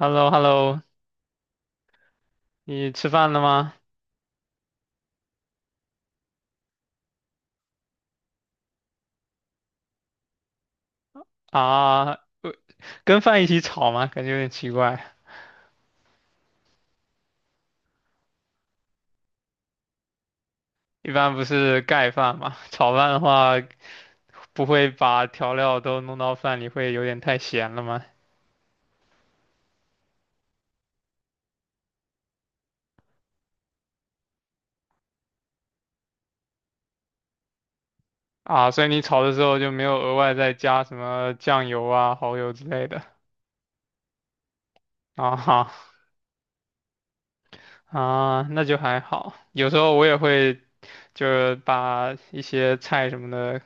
h e l l o h e l l o 你吃饭了吗？啊，呃跟饭一起炒吗？感觉有点奇怪。一般不是盖饭嘛，炒饭的话不会把调料都弄到饭里，会有点太咸了吗？啊，所以你炒的时候就没有额外再加什么酱油啊、蚝油之类的。啊哈。啊，那就还好。有时候我也会就是把一些菜什么的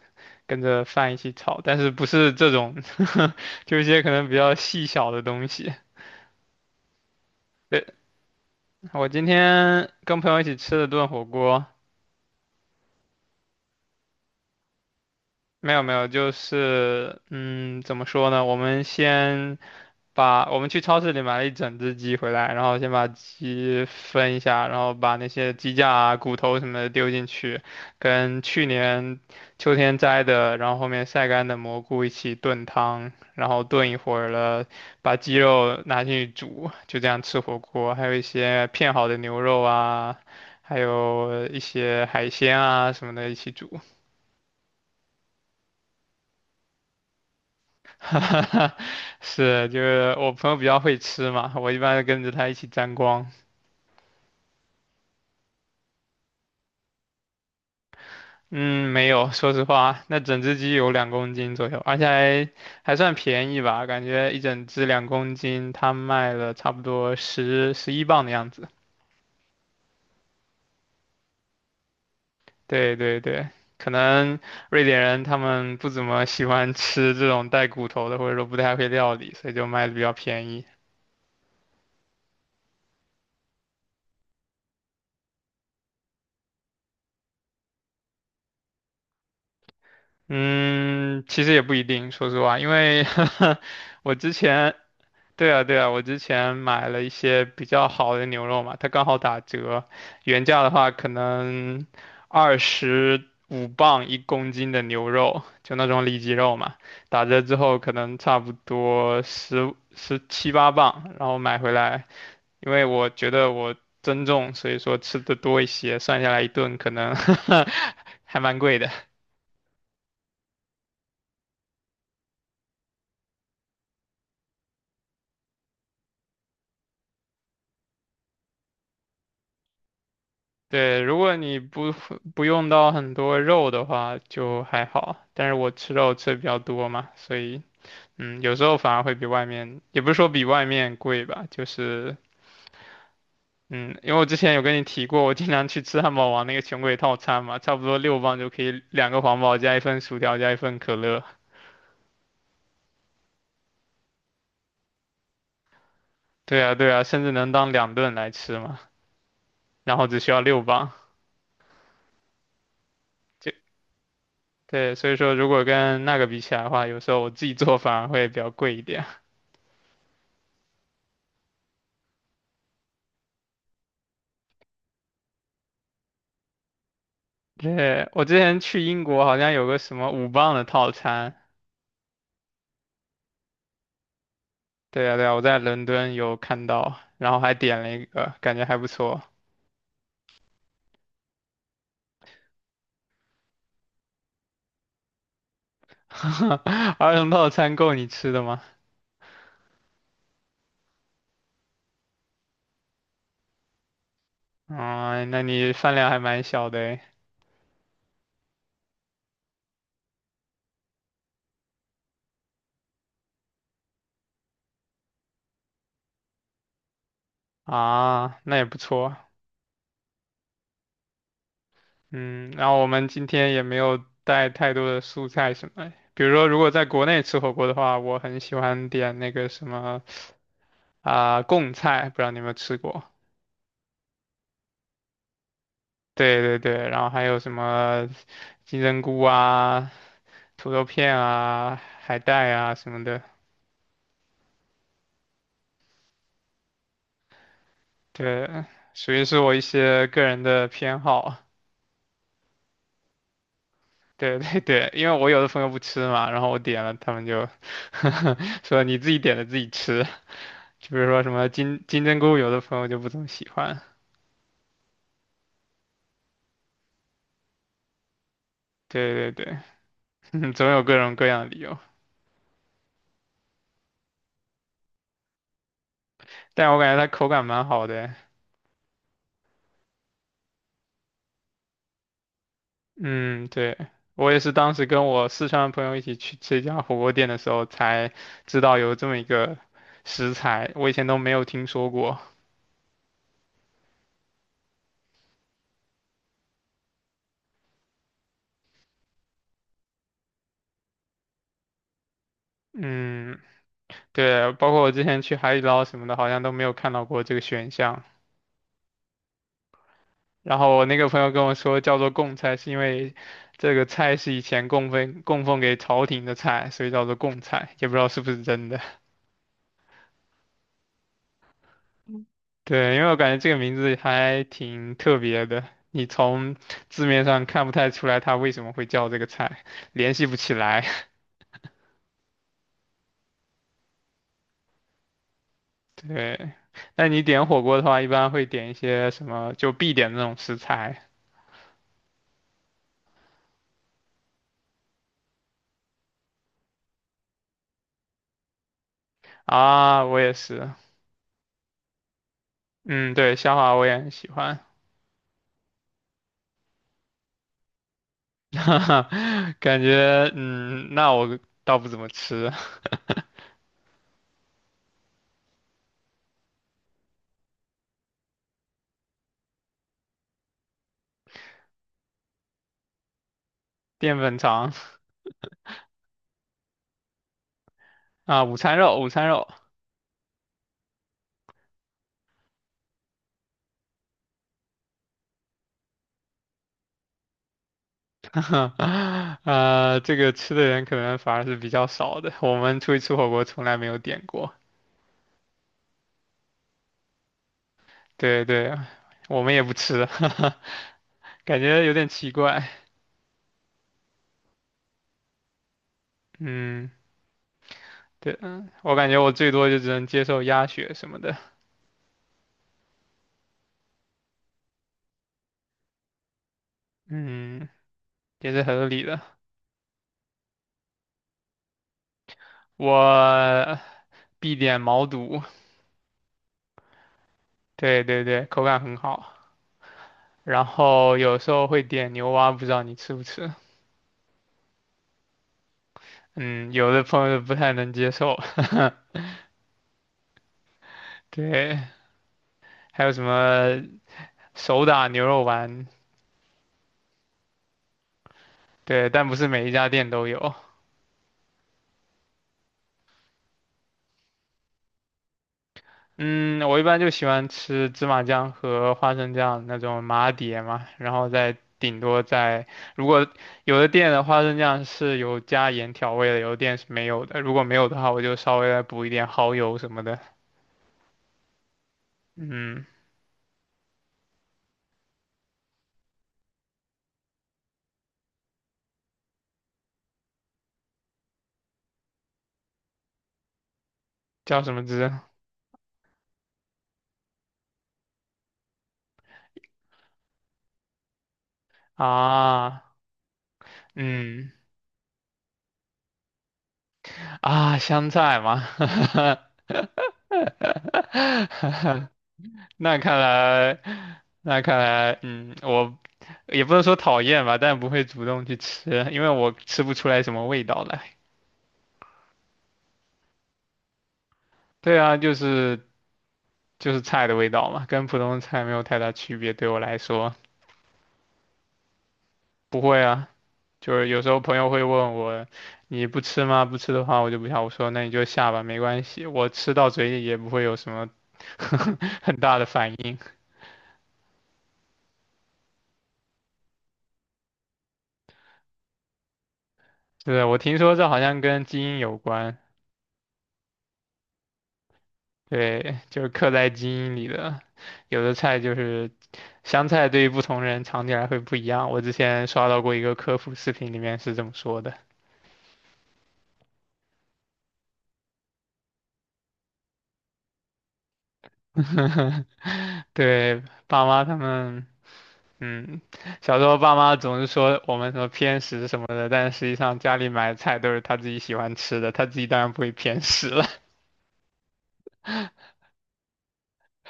跟着饭一起炒，但是不是这种，就一些可能比较细小的东西。我今天跟朋友一起吃了顿火锅，没有没有，就是嗯，怎么说呢？我们先把我们去超市里买了一整只鸡回来，然后先把鸡分一下，然后把那些鸡架啊、骨头什么的丢进去，跟去年秋天摘的，然后后面晒干的蘑菇一起炖汤，然后炖一会儿了，把鸡肉拿进去煮，就这样吃火锅。还有一些片好的牛肉啊，还有一些海鲜啊什么的一起煮。是，就是我朋友比较会吃嘛，我一般跟着他一起沾光。嗯，没有，说实话，那整只鸡有两公斤左右，而且还还算便宜吧，感觉一整只两公斤，它卖了差不多十一磅的样子。对对对，可能瑞典人他们不怎么喜欢吃这种带骨头的，或者说不太会料理，所以就卖的比较便宜。嗯，其实也不一定，说实话，因为 我之前对啊，对啊，我之前买了一些比较好的牛肉嘛，它刚好打折，原价的话可能25磅1公斤的牛肉，就那种里脊肉嘛，打折之后可能差不多十七八磅，然后买回来，因为我觉得我增重，所以说吃的多一些，算下来一顿可能 还蛮贵的。对，如果你不用到很多肉的话，就还好。但是我吃肉吃的比较多嘛，所以嗯，有时候反而会比外面，也不是说比外面贵吧，就是嗯，因为我之前有跟你提过，我经常去吃汉堡王那个穷鬼套餐嘛，差不多六磅就可以2个皇堡加一份薯条加一份可乐。对啊，对啊，甚至能当2顿来吃嘛，然后只需要六磅。就对，所以说如果跟那个比起来的话，有时候我自己做反而会比较贵一点。对，我之前去英国好像有个什么五磅的套餐，对啊对啊，我在伦敦有看到，然后还点了一个，感觉还不错。儿童套餐够你吃的吗？啊、那你饭量还蛮小的诶。啊，那也不错。嗯，然后我们今天也没有带太多的蔬菜什么的比如说如果在国内吃火锅的话，我很喜欢点那个什么啊、贡菜，不知道你有没有吃过？对对对，然后还有什么金针菇啊，土豆片啊、海带啊什么的，对，属于是我一些个人的偏好。对对对，因为我有的朋友不吃嘛，然后我点了，他们就 说你自己点的自己吃。就比如说什么金针菇，有的朋友就不怎么喜欢。对对对，嗯总有各种各样的理由。但我感觉它口感蛮好的。嗯，对，我也是当时跟我四川的朋友一起去吃一家火锅店的时候，才知道有这么一个食材，我以前都没有听说过。嗯，对，包括我之前去海底捞什么的，好像都没有看到过这个选项。然后我那个朋友跟我说，叫做贡菜，是因为这个菜是以前供奉给朝廷的菜，所以叫做贡菜，也不知道是不是真的。嗯 对，因为我感觉这个名字还挺特别的，你从字面上看不太出来它为什么会叫这个菜，联系不起来。对，那你点火锅的话，一般会点一些什么，就必点的那种食材啊，我也是。嗯，对，虾滑我也很喜欢，感觉嗯，那我倒不怎么吃淀粉肠啊，午餐肉，午餐肉，呃，这个吃的人可能反而是比较少的，我们出去吃火锅从来没有点过，对对，我们也不吃，感觉有点奇怪，嗯，对，嗯，我感觉我最多就只能接受鸭血什么的，嗯，也是合理的，我必点毛肚，对对对，口感很好。然后有时候会点牛蛙，不知道你吃不吃？嗯，有的朋友不太能接受。对，还有什么手打牛肉丸？对，但不是每一家店都有。嗯，我一般就喜欢吃芝麻酱和花生酱那种麻碟嘛，然后再顶多再，如果有的店的花生酱是有加盐调味的，有的店是没有的。如果没有的话，我就稍微再补一点蚝油什么的。嗯，叫什么汁啊？嗯。啊，香菜吗？那看来，那看来，嗯，我也不能说讨厌吧，但不会主动去吃，因为我吃不出来什么味道来。对啊，就是就是菜的味道嘛，跟普通菜没有太大区别，对我来说。不会啊，就是有时候朋友会问我，你不吃吗？不吃的话我就不想。我说那你就下吧，没关系，我吃到嘴里也不会有什么 很大的反应。是，我听说这好像跟基因有关，对，就是刻在基因里的。有的菜就是香菜，对于不同人尝起来会不一样。我之前刷到过一个科普视频，里面是这么说的。对，爸妈他们，嗯，小时候爸妈总是说我们什么偏食什么的，但实际上家里买的菜都是他自己喜欢吃的，他自己当然不会偏食了。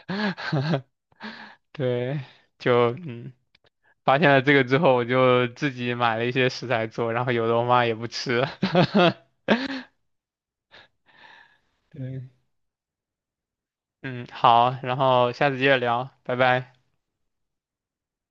对，就嗯。发现了这个之后，我就自己买了一些食材做，然后有的我妈也不吃。对，嗯，好，然后下次接着聊，拜拜。